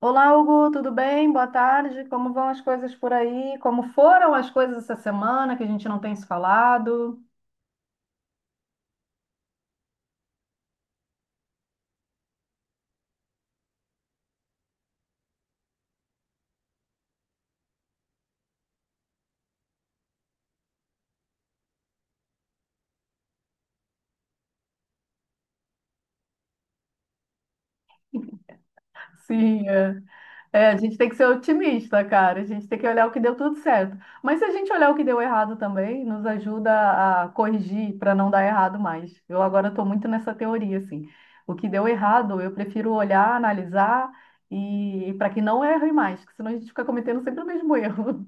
Olá, Hugo, tudo bem? Boa tarde. Como vão as coisas por aí? Como foram as coisas essa semana que a gente não tem se falado? Sim, é. É, a gente tem que ser otimista, cara. A gente tem que olhar o que deu tudo certo. Mas se a gente olhar o que deu errado também, nos ajuda a corrigir para não dar errado mais. Eu agora estou muito nessa teoria, assim. O que deu errado, eu prefiro olhar, analisar e para que não erre mais, porque senão a gente fica cometendo sempre o mesmo erro.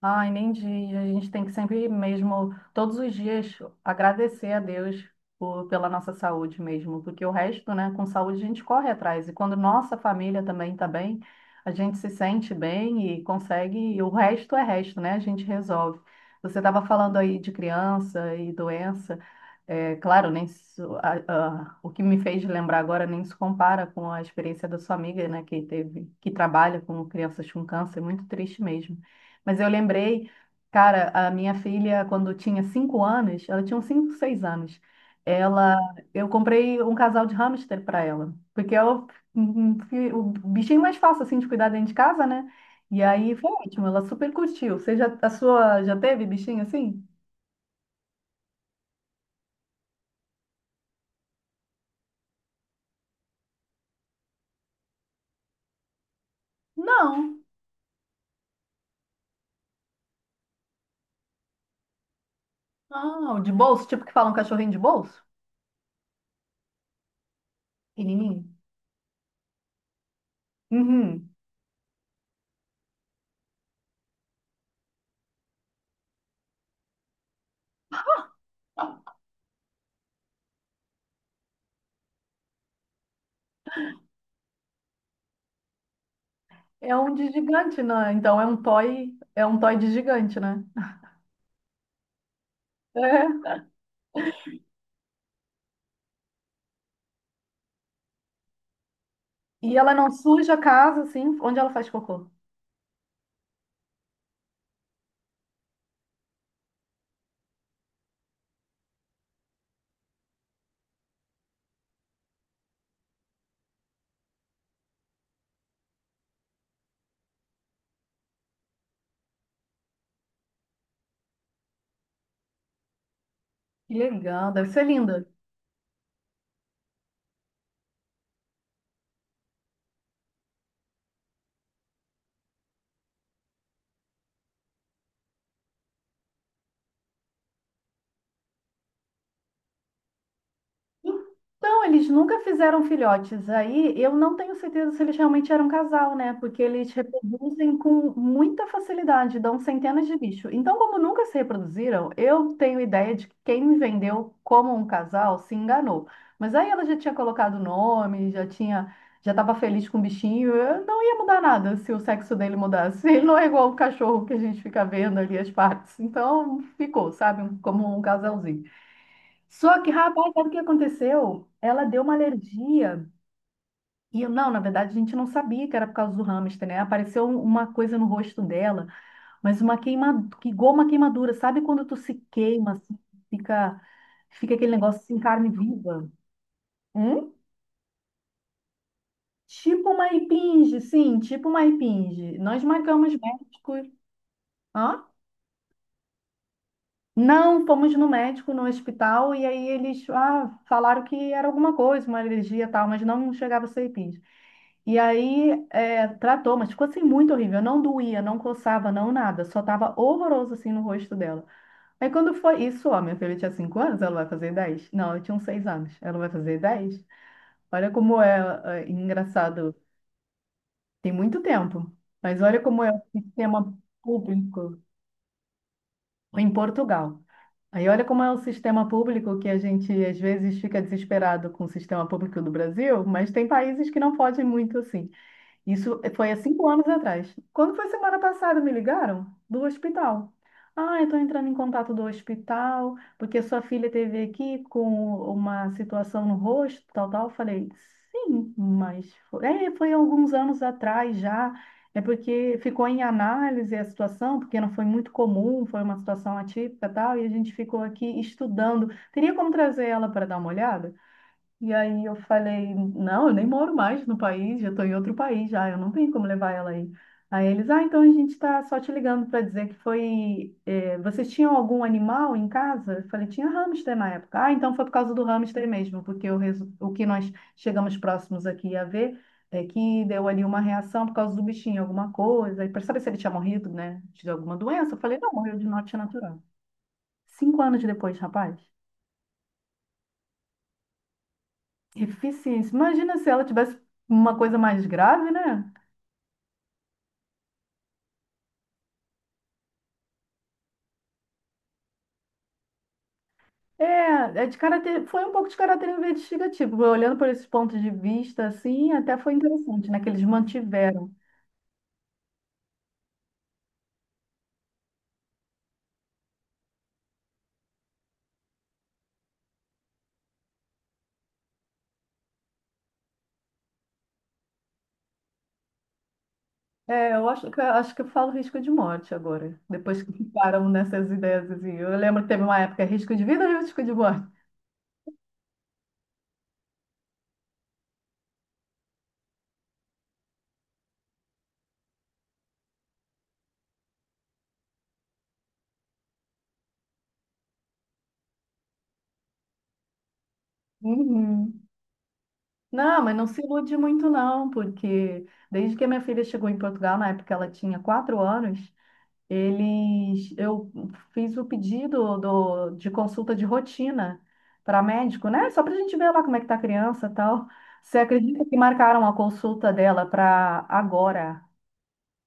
Ai, nem diz. A gente tem que sempre mesmo, todos os dias, agradecer a Deus pela nossa saúde mesmo, porque o resto, né, com saúde a gente corre atrás. E quando nossa família também está bem, a gente se sente bem e consegue, e o resto é resto, né? A gente resolve. Você estava falando aí de criança e doença. É, claro, nem se- a- o que me fez lembrar agora nem se compara com a experiência da sua amiga, né, que teve, que trabalha com crianças com câncer, muito triste mesmo. Mas eu lembrei, cara, a minha filha, quando tinha 5 anos, ela tinha uns 5, 6 anos, ela, eu comprei um casal de hamster para ela, porque é o bichinho mais fácil, assim, de cuidar dentro de casa, né? E aí foi ótimo, ela super curtiu. Você já, a sua, já teve bichinho assim? Não. Não, de bolso, tipo que fala um cachorrinho de bolso? Pequenininho. Uhum. É um de gigante, né? Então é um toy de gigante, né? E ela não suja a casa, assim, onde ela faz cocô. Que legal, deve ser linda. Então, eles nunca fizeram filhotes. Aí eu não tenho certeza se eles realmente eram casal, né? Porque eles reproduzem com muita facilidade, dão centenas de bichos. Então, como nunca se reproduziram, eu tenho ideia de que quem me vendeu como um casal se enganou. Mas aí ela já tinha colocado o nome, já estava feliz com o bichinho. Eu não ia mudar nada se o sexo dele mudasse. Ele não é igual o cachorro que a gente fica vendo ali as partes. Então, ficou, sabe? Como um casalzinho. Só que, rapaz, sabe o que aconteceu? Ela deu uma alergia. E eu, não, na verdade, a gente não sabia que era por causa do hamster, né? Apareceu uma coisa no rosto dela, mas uma queima, igual uma queimadura. Sabe quando tu se queima, assim, fica, fica aquele negócio assim, carne viva? Hum? Tipo uma impinge, sim, tipo uma impinge. Nós marcamos médico. Hã? Não, fomos no médico, no hospital, e aí eles falaram que era alguma coisa, uma alergia e tal, mas não chegava a ser impinge. E aí, é, tratou, mas ficou assim muito horrível. Não doía, não coçava, não nada. Só tava horroroso assim no rosto dela. Aí quando foi isso, ó, minha filha tinha 5 anos, ela vai fazer 10? Não, eu tinha uns 6 anos, ela vai fazer 10. Olha como é, é engraçado. Tem muito tempo, mas olha como é o sistema público em Portugal. Aí olha como é o sistema público que a gente às vezes fica desesperado com o sistema público do Brasil, mas tem países que não fogem muito assim. Isso foi há 5 anos atrás. Quando foi semana passada, me ligaram do hospital. Ah, eu estou entrando em contato do hospital, porque sua filha teve aqui com uma situação no rosto, tal, tal. Eu falei, sim, mas foi alguns anos atrás já. É porque ficou em análise a situação, porque não foi muito comum, foi uma situação atípica, tal, e a gente ficou aqui estudando. Teria como trazer ela para dar uma olhada? E aí eu falei, não, eu nem moro mais no país, já estou em outro país já, eu não tenho como levar ela aí. Aí eles, então a gente está só te ligando para dizer que vocês tinham algum animal em casa? Eu falei, tinha hamster na época. Ah, então foi por causa do hamster mesmo, porque o que nós chegamos próximos aqui a ver é que deu ali uma reação por causa do bichinho, alguma coisa, e para saber se ele tinha morrido, né, de alguma doença. Eu falei, não, morreu de norte natural. 5 anos depois, rapaz. Deficiência. Imagina se ela tivesse uma coisa mais grave, né? É, é de caráter, foi um pouco de caráter investigativo. Olhando por esses pontos de vista, assim, até foi interessante, né? Que eles mantiveram. É, eu acho que eu falo risco de morte agora, depois que param nessas ideias, assim. Eu lembro que teve uma época, risco de vida ou risco de morte? Uhum. Não, mas não se ilude muito, não, porque desde que a minha filha chegou em Portugal, na época ela tinha 4 anos, eu fiz o pedido de consulta de rotina para médico, né? Só para a gente ver lá como é que tá a criança e tal. Você acredita que marcaram a consulta dela para agora,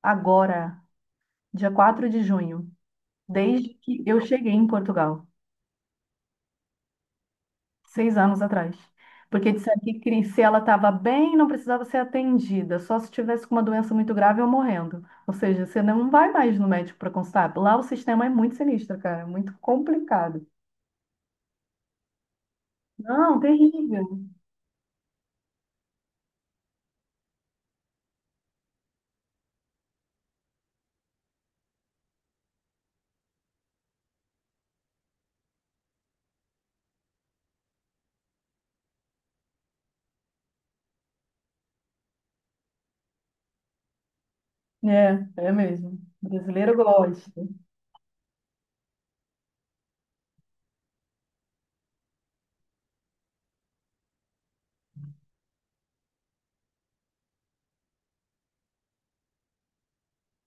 agora, dia 4 de junho, desde que eu cheguei em Portugal, 6 anos atrás. Porque disseram que se ela estava bem, não precisava ser atendida, só se tivesse com uma doença muito grave ou morrendo. Ou seja, você não vai mais no médico para consultar. Lá o sistema é muito sinistro, cara, muito complicado. Não, terrível. É, é mesmo. Brasileiro gosta.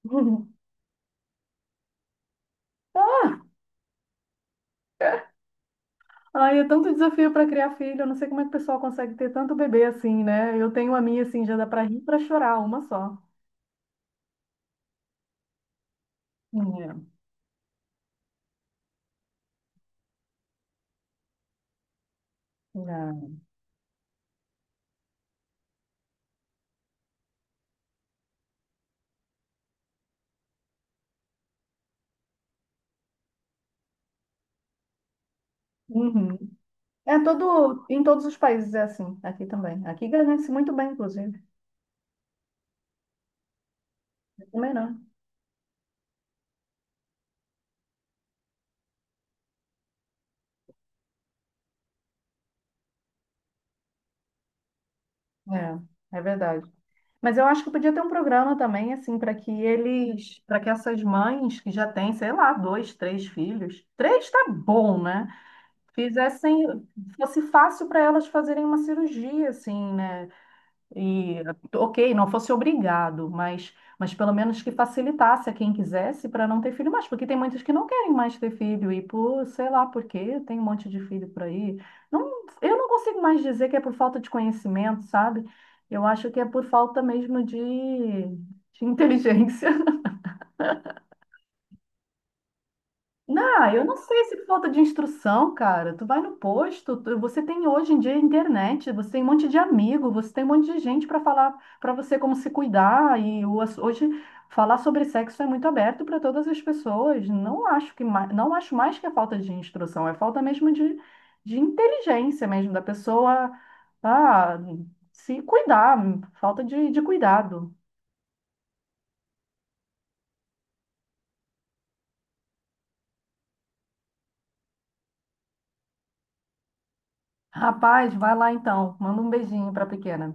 Ah, ai, é tanto desafio para criar filho. Eu não sei como é que o pessoal consegue ter tanto bebê assim, né? Eu tenho a minha assim, já dá para rir para chorar, uma só. É, não. Uhum. Em todos os países é assim, aqui também. Aqui ganha-se muito bem, inclusive. Também não. É verdade. Mas eu acho que podia ter um programa também, assim, para que essas mães que já têm, sei lá, dois, três filhos, três tá bom, né? fizessem, fosse fácil para elas fazerem uma cirurgia, assim, né? E, ok, não fosse obrigado, mas pelo menos que facilitasse a quem quisesse para não ter filho mais, porque tem muitos que não querem mais ter filho e sei lá por quê, tem um monte de filho por aí. Não, eu não consigo mais dizer que é por falta de conhecimento, sabe? Eu acho que é por falta mesmo de inteligência. Não, eu não sei se falta de instrução, cara. Tu vai no posto, você tem hoje em dia internet, você tem um monte de amigo, você tem um monte de gente para falar para você como se cuidar e hoje falar sobre sexo é muito aberto para todas as pessoas. Não acho mais que é falta de instrução, é falta mesmo de inteligência mesmo da pessoa ah, se cuidar, falta de cuidado. Rapaz, vai lá então. Manda um beijinho para a pequena.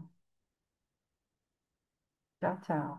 Tchau, tchau.